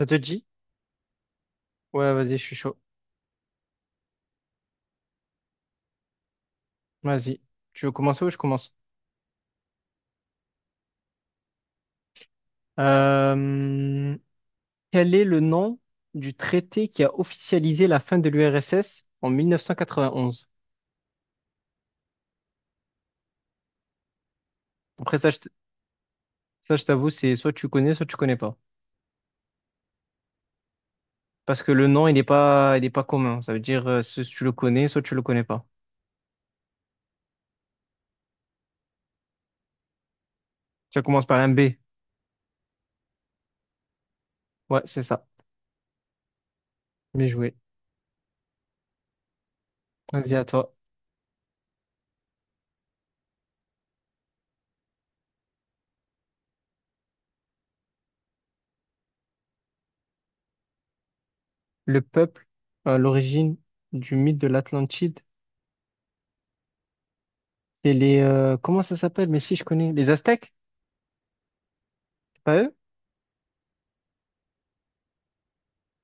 Ça te dit? Ouais, vas-y, je suis chaud. Vas-y. Tu veux commencer ou je commence? Euh, Quel est le nom du traité qui a officialisé la fin de l'URSS en 1991? Après ça, ça, je t'avoue, c'est soit tu connais pas. Parce que le nom, il est pas commun. Ça veut dire soit tu le connais, soit tu le connais pas. Ça commence par un B. Ouais, c'est ça. Bien joué. Vas-y, à toi. Le peuple, à l'origine du mythe de l'Atlantide, et comment ça s'appelle? Mais si, je connais. Les Aztèques? C'est pas eux?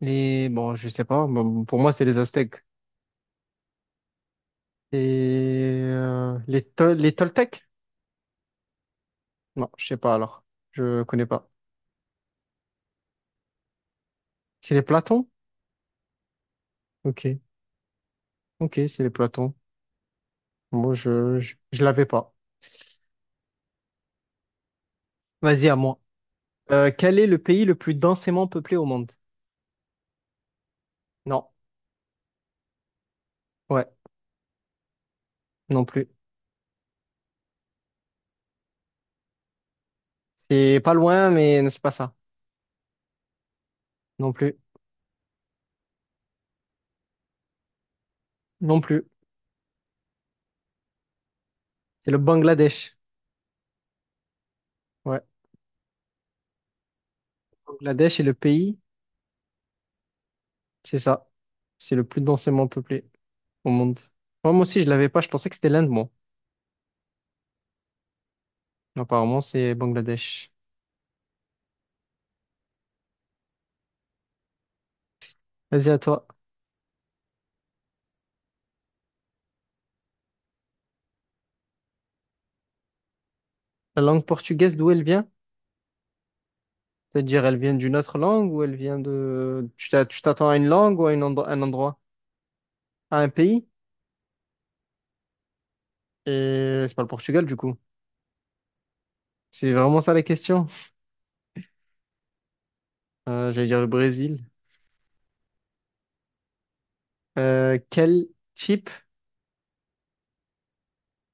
Les, bon, je sais pas, bon, pour moi, c'est les Aztèques. Et les, les Toltecs? Non, je sais pas alors. Je connais pas. C'est les Platons? Ok, ok, c'est les Platons. Moi, je l'avais pas. Vas-y, à moi. Quel est le pays le plus densément peuplé au monde? Non, ouais, non plus. C'est pas loin, mais c'est pas ça. Non plus, non plus. C'est le Bangladesh. Ouais, Bangladesh est le pays, c'est ça. C'est le plus densément peuplé au monde. Moi aussi, je l'avais pas. Je pensais que c'était l'Inde, moi. Apparemment, c'est Bangladesh. Vas-y, à toi. La langue portugaise, d'où elle vient? C'est-à-dire, elle vient d'une autre langue ou elle vient de... tu t'attends à une langue ou à une un endroit? À un pays? Et c'est pas le Portugal, du coup. C'est vraiment ça la question. J'allais dire le Brésil. Euh, quel type...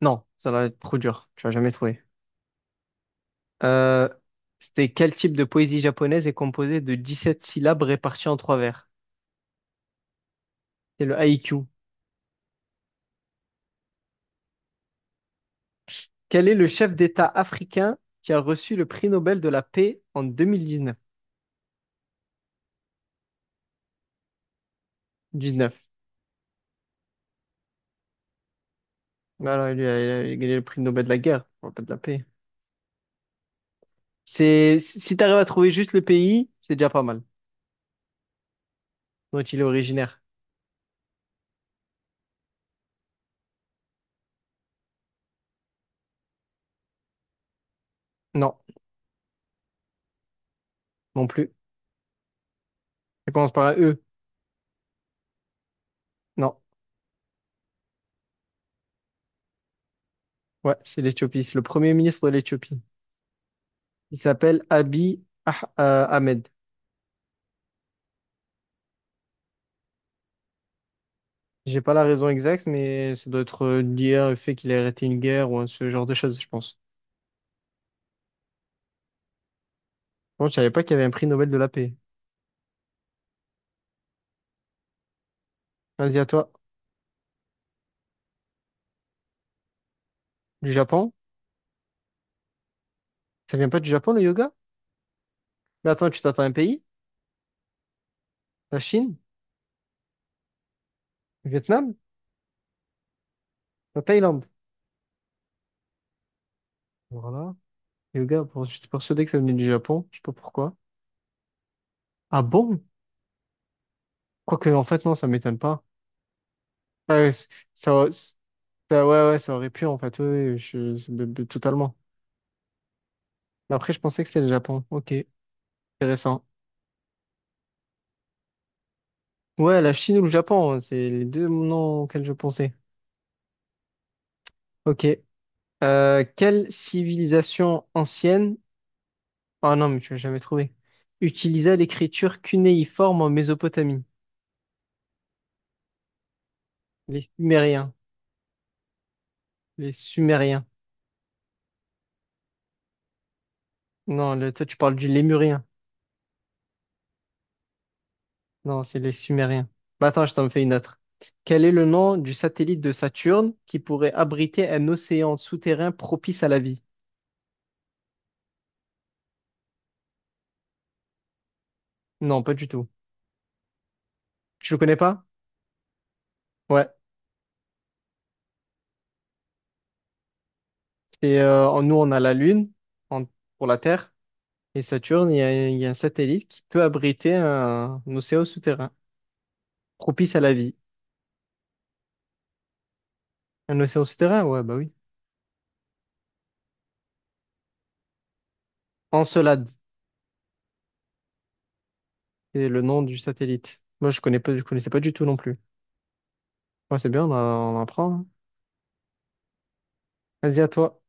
Non, ça va être trop dur. Tu vas jamais trouver. Euh, c'était quel type de poésie japonaise est composée de 17 syllabes réparties en trois vers? C'est le haïku. Quel est le chef d'État africain qui a reçu le prix Nobel de la paix en 2019? 19. Bah alors, il a gagné le prix Nobel de la guerre, on va pas de la paix. C'est, si t'arrives à trouver juste le pays, c'est déjà pas mal. Dont il est originaire. Non, non plus. Ça commence par un E. Non. Ouais, c'est l'Éthiopie. C'est le premier ministre de l'Éthiopie. Il s'appelle Ahmed. J'ai pas la raison exacte, mais ça doit être lié au fait qu'il a arrêté une guerre ou ce genre de choses, je pense. Bon, je savais pas qu'il y avait un prix Nobel de la paix. Vas-y, à toi. Du Japon? Ça vient pas du Japon, le yoga? Mais attends, tu t'attends à un pays? La Chine? Le Vietnam? La Thaïlande? Voilà. Yoga, bon, j'étais persuadé que ça venait du Japon. Je sais pas pourquoi. Ah bon? Quoique, en fait, non, ça m'étonne pas. Ah, c- ça, ouais, ouais, ça aurait pu, en fait. Oui, oui, totalement. Mais après, je pensais que c'était le Japon. Ok, intéressant. Ouais, la Chine ou le Japon, hein, c'est les deux noms auxquels je pensais. Ok. Quelle civilisation ancienne, ah non, mais tu l'as jamais trouvé, utilisa l'écriture cunéiforme en Mésopotamie? Les Sumériens. Les Sumériens. Non, toi, tu parles du Lémurien. Non, c'est les Sumériens. Bah, attends, je t'en fais une autre. Quel est le nom du satellite de Saturne qui pourrait abriter un océan souterrain propice à la vie? Non, pas du tout. Tu le connais pas? Ouais. Nous, on a la Lune en- pour la Terre. Et Saturne, il y a un satellite qui peut abriter un océan souterrain propice à la vie. Un océan souterrain? Ouais, bah oui. Encelade, c'est le nom du satellite. Moi, je connaissais pas du tout non plus. Ouais, c'est bien, on apprend, hein. Vas-y, à toi.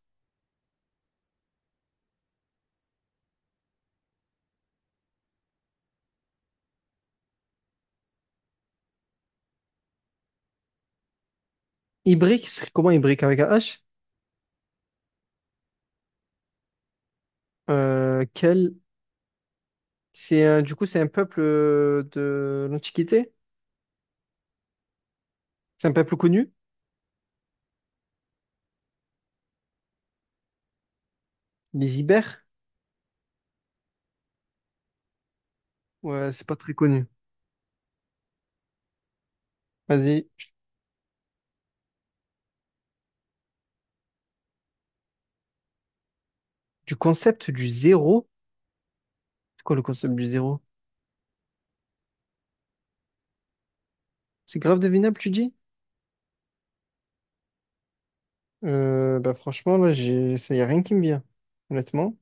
Ibrique, c'est comment Ibrique avec un H? Euh, quel... C'est un... Du coup, c'est un peuple de l'Antiquité? C'est un peuple connu? Les Ibères? Ouais, c'est pas très connu. Vas-y. Du concept du zéro? C'est quoi le concept du zéro? C'est grave devinable, tu dis? Bah franchement, là, ça y a rien qui me vient, honnêtement.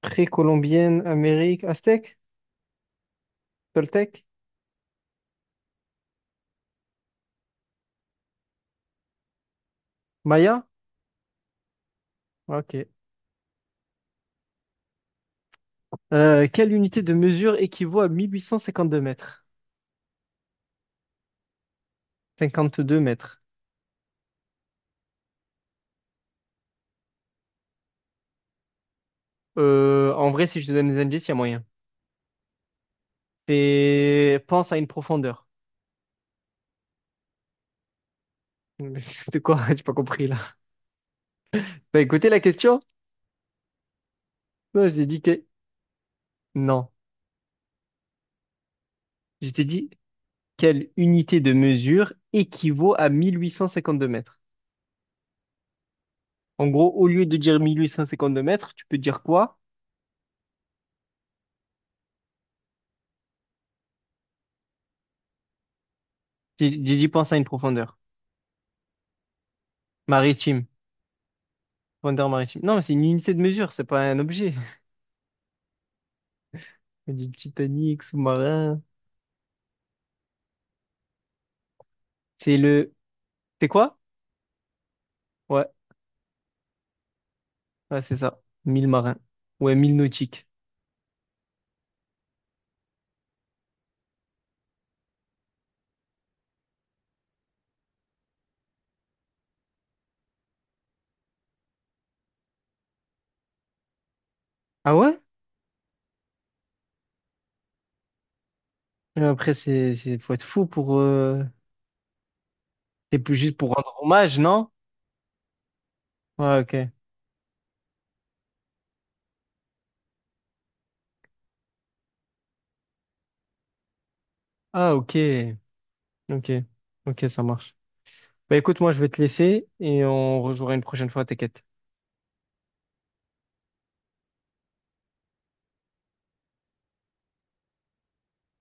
Précolombienne, Amérique, Aztèque, Toltèque, Maya? Ok. Quelle unité de mesure équivaut à 1852 mètres? Cinquante deux mètres. En vrai, si je te donne des indices, il y a moyen. C'est pense à une profondeur. De quoi? J'ai pas compris là. T'as écouté la question? Non, je t'ai dit que... Non. Je t'ai dit quelle unité de mesure équivaut à 1852 mètres. En gros, au lieu de dire 1852 mètres, tu peux dire quoi? J'ai dit pense à une profondeur. Maritime. Profondeur maritime. Non, mais c'est une unité de mesure, c'est pas un objet. Du Titanic, sous-marin. C'est le... C'est quoi? Ouais, ouais, c'est ça. 1000 marins. Ouais, 1000 nautiques. Ah ouais? Mais après, faut être fou pour, c'est plus juste pour rendre hommage, non? Ouais, ok. Ah, ok. Ok. Ok, ça marche. Bah écoute, moi, je vais te laisser et on rejouera une prochaine fois, t'inquiète.